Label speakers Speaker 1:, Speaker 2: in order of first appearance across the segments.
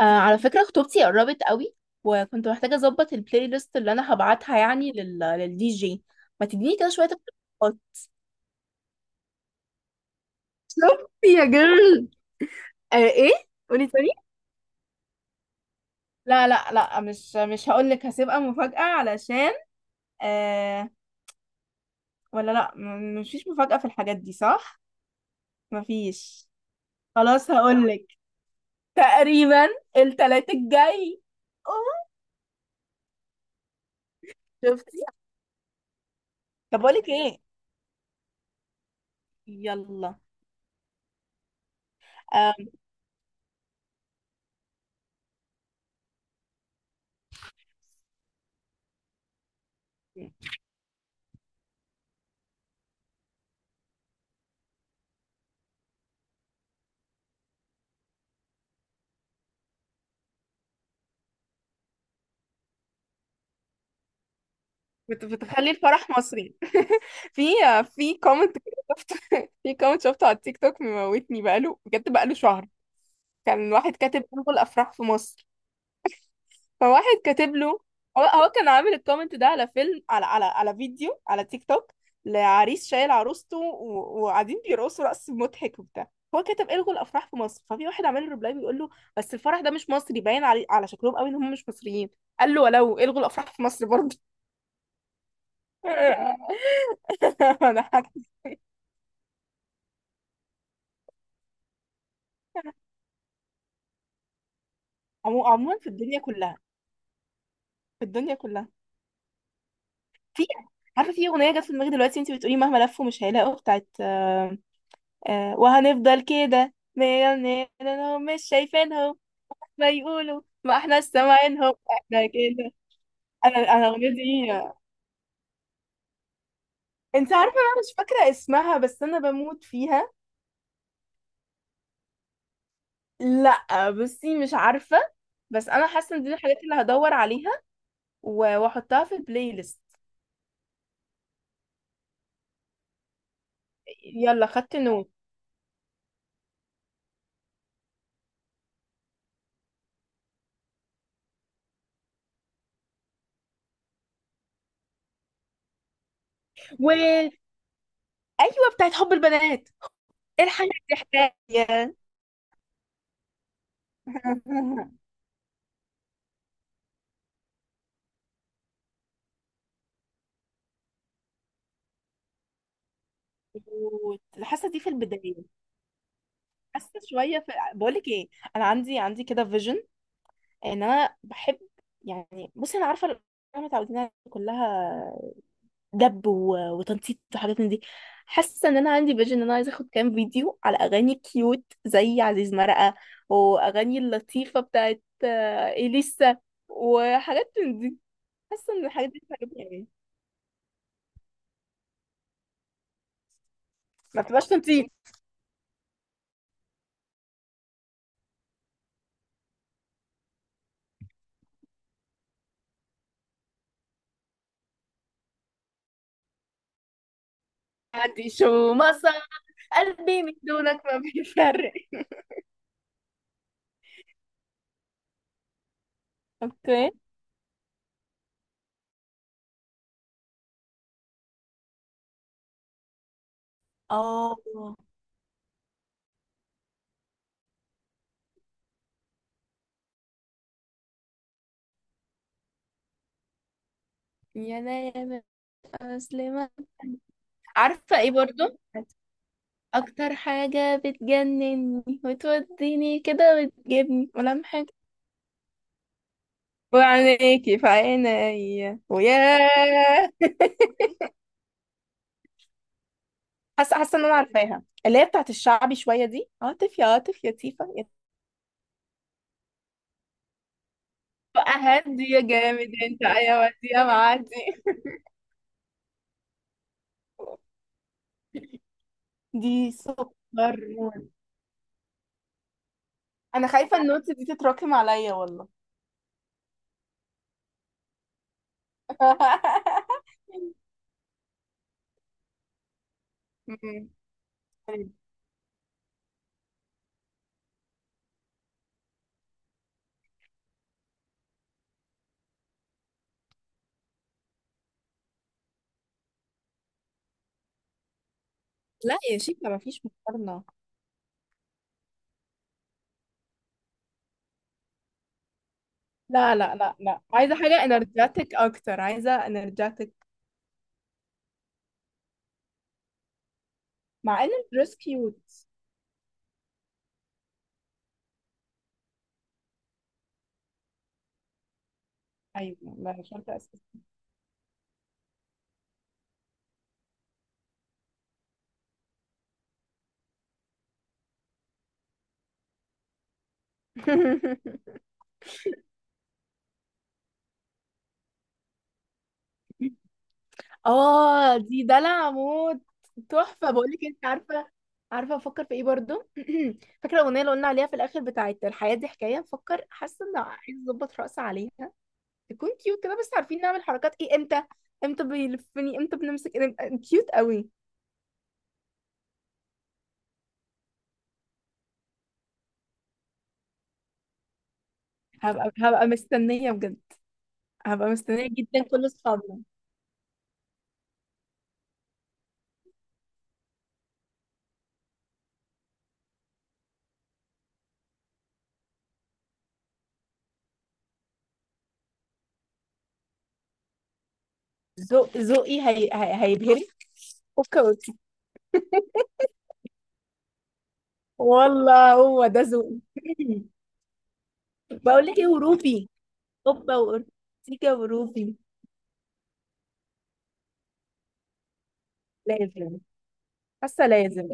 Speaker 1: آه، على فكرة خطوبتي قربت قوي. وكنت محتاجة اظبط البلاي ليست اللي انا هبعتها، يعني للدي جي. ما تديني كده شوية اقتراحات؟ شوفي يا جيرل. آه، ايه؟ قولي تاني. لا، لا، لا، مش هقول لك، هسيبها مفاجأة علشان. آه. ولا، لا، مفيش مفاجأة في الحاجات دي، صح؟ مفيش. خلاص هقول لك. تقريبا التلات الجاي. أوه، شفتي؟ طب اقول لك ايه، يلا. آم، بتخلي الفرح مصري. في في كومنت كده شفته في كومنت شفته على التيك توك مموتني، بقاله بجد، بقاله شهر. كان واحد كاتب: انغل افراح في مصر. فواحد كاتب له. هو هو كان عامل الكومنت ده على فيلم، على فيديو على تيك توك، لعريس شايل عروسته وقاعدين بيرقصوا رقص مضحك وبتاع. هو كاتب: الغوا الافراح في مصر. ففي واحد عامل له ريبلاي بيقول له: بس الفرح ده مش مصري، باين على شكلهم قوي ان هم مش مصريين. قال له: ولو، الغوا الافراح في مصر برضه. انا حاجة- عموما في الدنيا كلها. في الدنيا كلها. في عارفه، في اغنيه جت في دماغي دلوقتي انت بتقولي مهما لفوا مش هيلاقوا، بتاعت وهنفضل كده مليونيرهم مش شايفينهم، ما يقولوا ما احنا سامعينهم، احنا كده. انا الاغنيه دي. انت عارفه، انا مش فاكره اسمها، بس انا بموت فيها. لا، بصي، مش عارفه. بس انا حاسه ان دي الحاجات اللي هدور عليها واحطها في البلاي ليست. يلا، خدت نوت. و ايوه، بتاعت حب البنات. ايه الحاجه دي، حكايه! مظبوط. حاسه دي في البدايه. حاسه شويه في. بقول لك ايه، انا عندي كده فيجن ان انا بحب. يعني بصي، انا عارفه احنا متعودين على كلها، دب وتنطيط وحاجات من دي. حاسه ان انا عندي فيجن ان انا عايزه اخد كام فيديو على اغاني كيوت زي عزيز مرقه، واغاني اللطيفه بتاعت اليسا، وحاجات من دي. حاسه ان الحاجات دي بتعجبني قوي. ما بتبقاش تنطيط. عندي شو مصر، قلبي من دونك ما بيفرق. اوكي. اه، يا نايمة مسلمة. عارفة ايه برضو؟ أكتر حاجة بتجنني وتوديني كده وتجيبني ولم حاجة، وعينيكي في عيني، وياه. حاسة ان انا عارفاها، اللي هي بتاعت الشعبي شوية، دي عاطف، يا عاطف يا تيفا يا. بقى هادي يا جامد انت، ايوه دي، يا معدي. دي سكر. انا خايفة النوتس دي تتراكم عليا والله. مم. لا يا شيخة، مفيش مقارنة. لا، لا، لا، لا، عايزة حاجة انرجاتك اكتر، عايزة انرجاتك. مع ان الدريس كيوت. ايوه، لا، شرط اساسي. اه، دي دلع موت. تحفة، بقولك، انت عارفة، عارفة افكر في ايه برضو؟ فاكرة الاغنية اللي قلنا عليها في الاخر، بتاعت الحياة دي حكاية، بفكر، حاسة ان عايز اظبط رأسي عليها تكون كيوت كده، بس عارفين نعمل حركات ايه؟ امتى، امتى بيلفني، امتى بنمسك إيه؟ كيوت قوي. هبقى مستنية بجد. هبقى مستنية جدا، كل اصحابنا. ذوقي هيبهرك. اوكي، اوكي. والله هو ده ذوقي. بقول لك ايه؟ وروبي، اوبا وأورتيجا وروبي. لازم، حاسة لازم.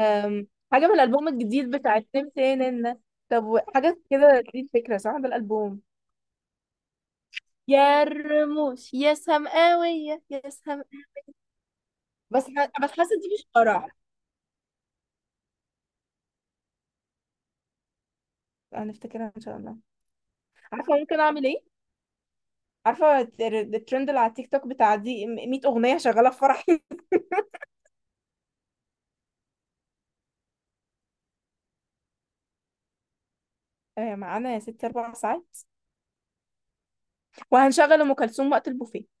Speaker 1: أم... حاجة من الألبوم الجديد بتاع التمتين. طب، حاجة كده، دي الفكرة صح، ده الألبوم. يا الرموش، يا سماوية، يا سم بس حاسة دي مش فرح. هنفتكرها إن شاء الله. عارفة ممكن أعمل إيه؟ عارفة الترند اللي على التيك توك بتاع دي 100 أغنية شغالة في فرحي. معانا يا ستي 4 ساعات، وهنشغل أم كلثوم وقت البوفيه.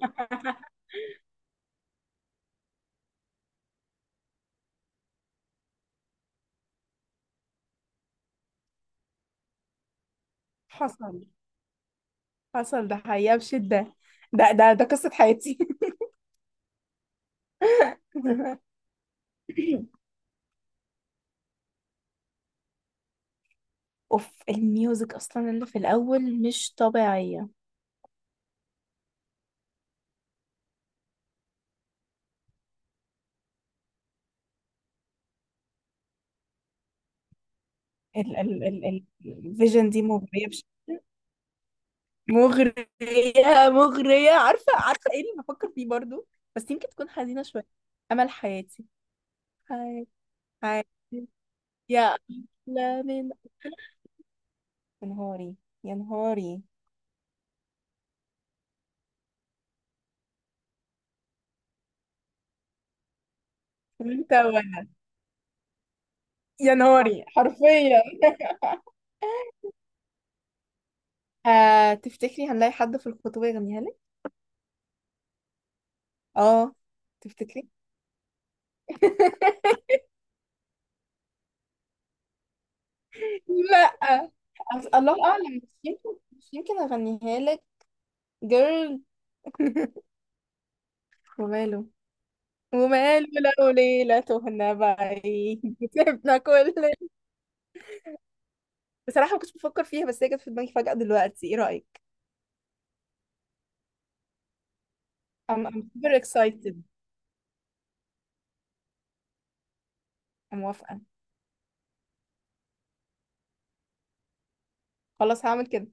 Speaker 1: حصل. حصل، ده حقيقة بشدة. ده قصة حياتي. اوف، الميوزك اصلا اللي في الاول مش طبيعية. ال ال ال الفيجن دي مغرية مغرية، مغرية. عارفة، عارفة ايه اللي بفكر فيه برضو؟ بس يمكن تكون حزينة شوية. امل حياتي، حياتي يا أحلى من، يا نهاري، يا نهاري، وانت وانا، يا نهاري، حرفيا. تفتكري هنلاقي حد في الخطوبة يغنيها لك؟ اه. تفتكري؟ لا، الله أعلم، مش يمكن، مش يمكن أغنيها لك. جيرل. وماله، وماله. لو ليلة تهنا بعيد سيبنا كل. بصراحة ما كنتش بفكر فيها، بس هي جت في دماغي فجأة دلوقتي، ايه رأيك؟ I'm super excited. أنا موافقة. خلاص، هعمل كده.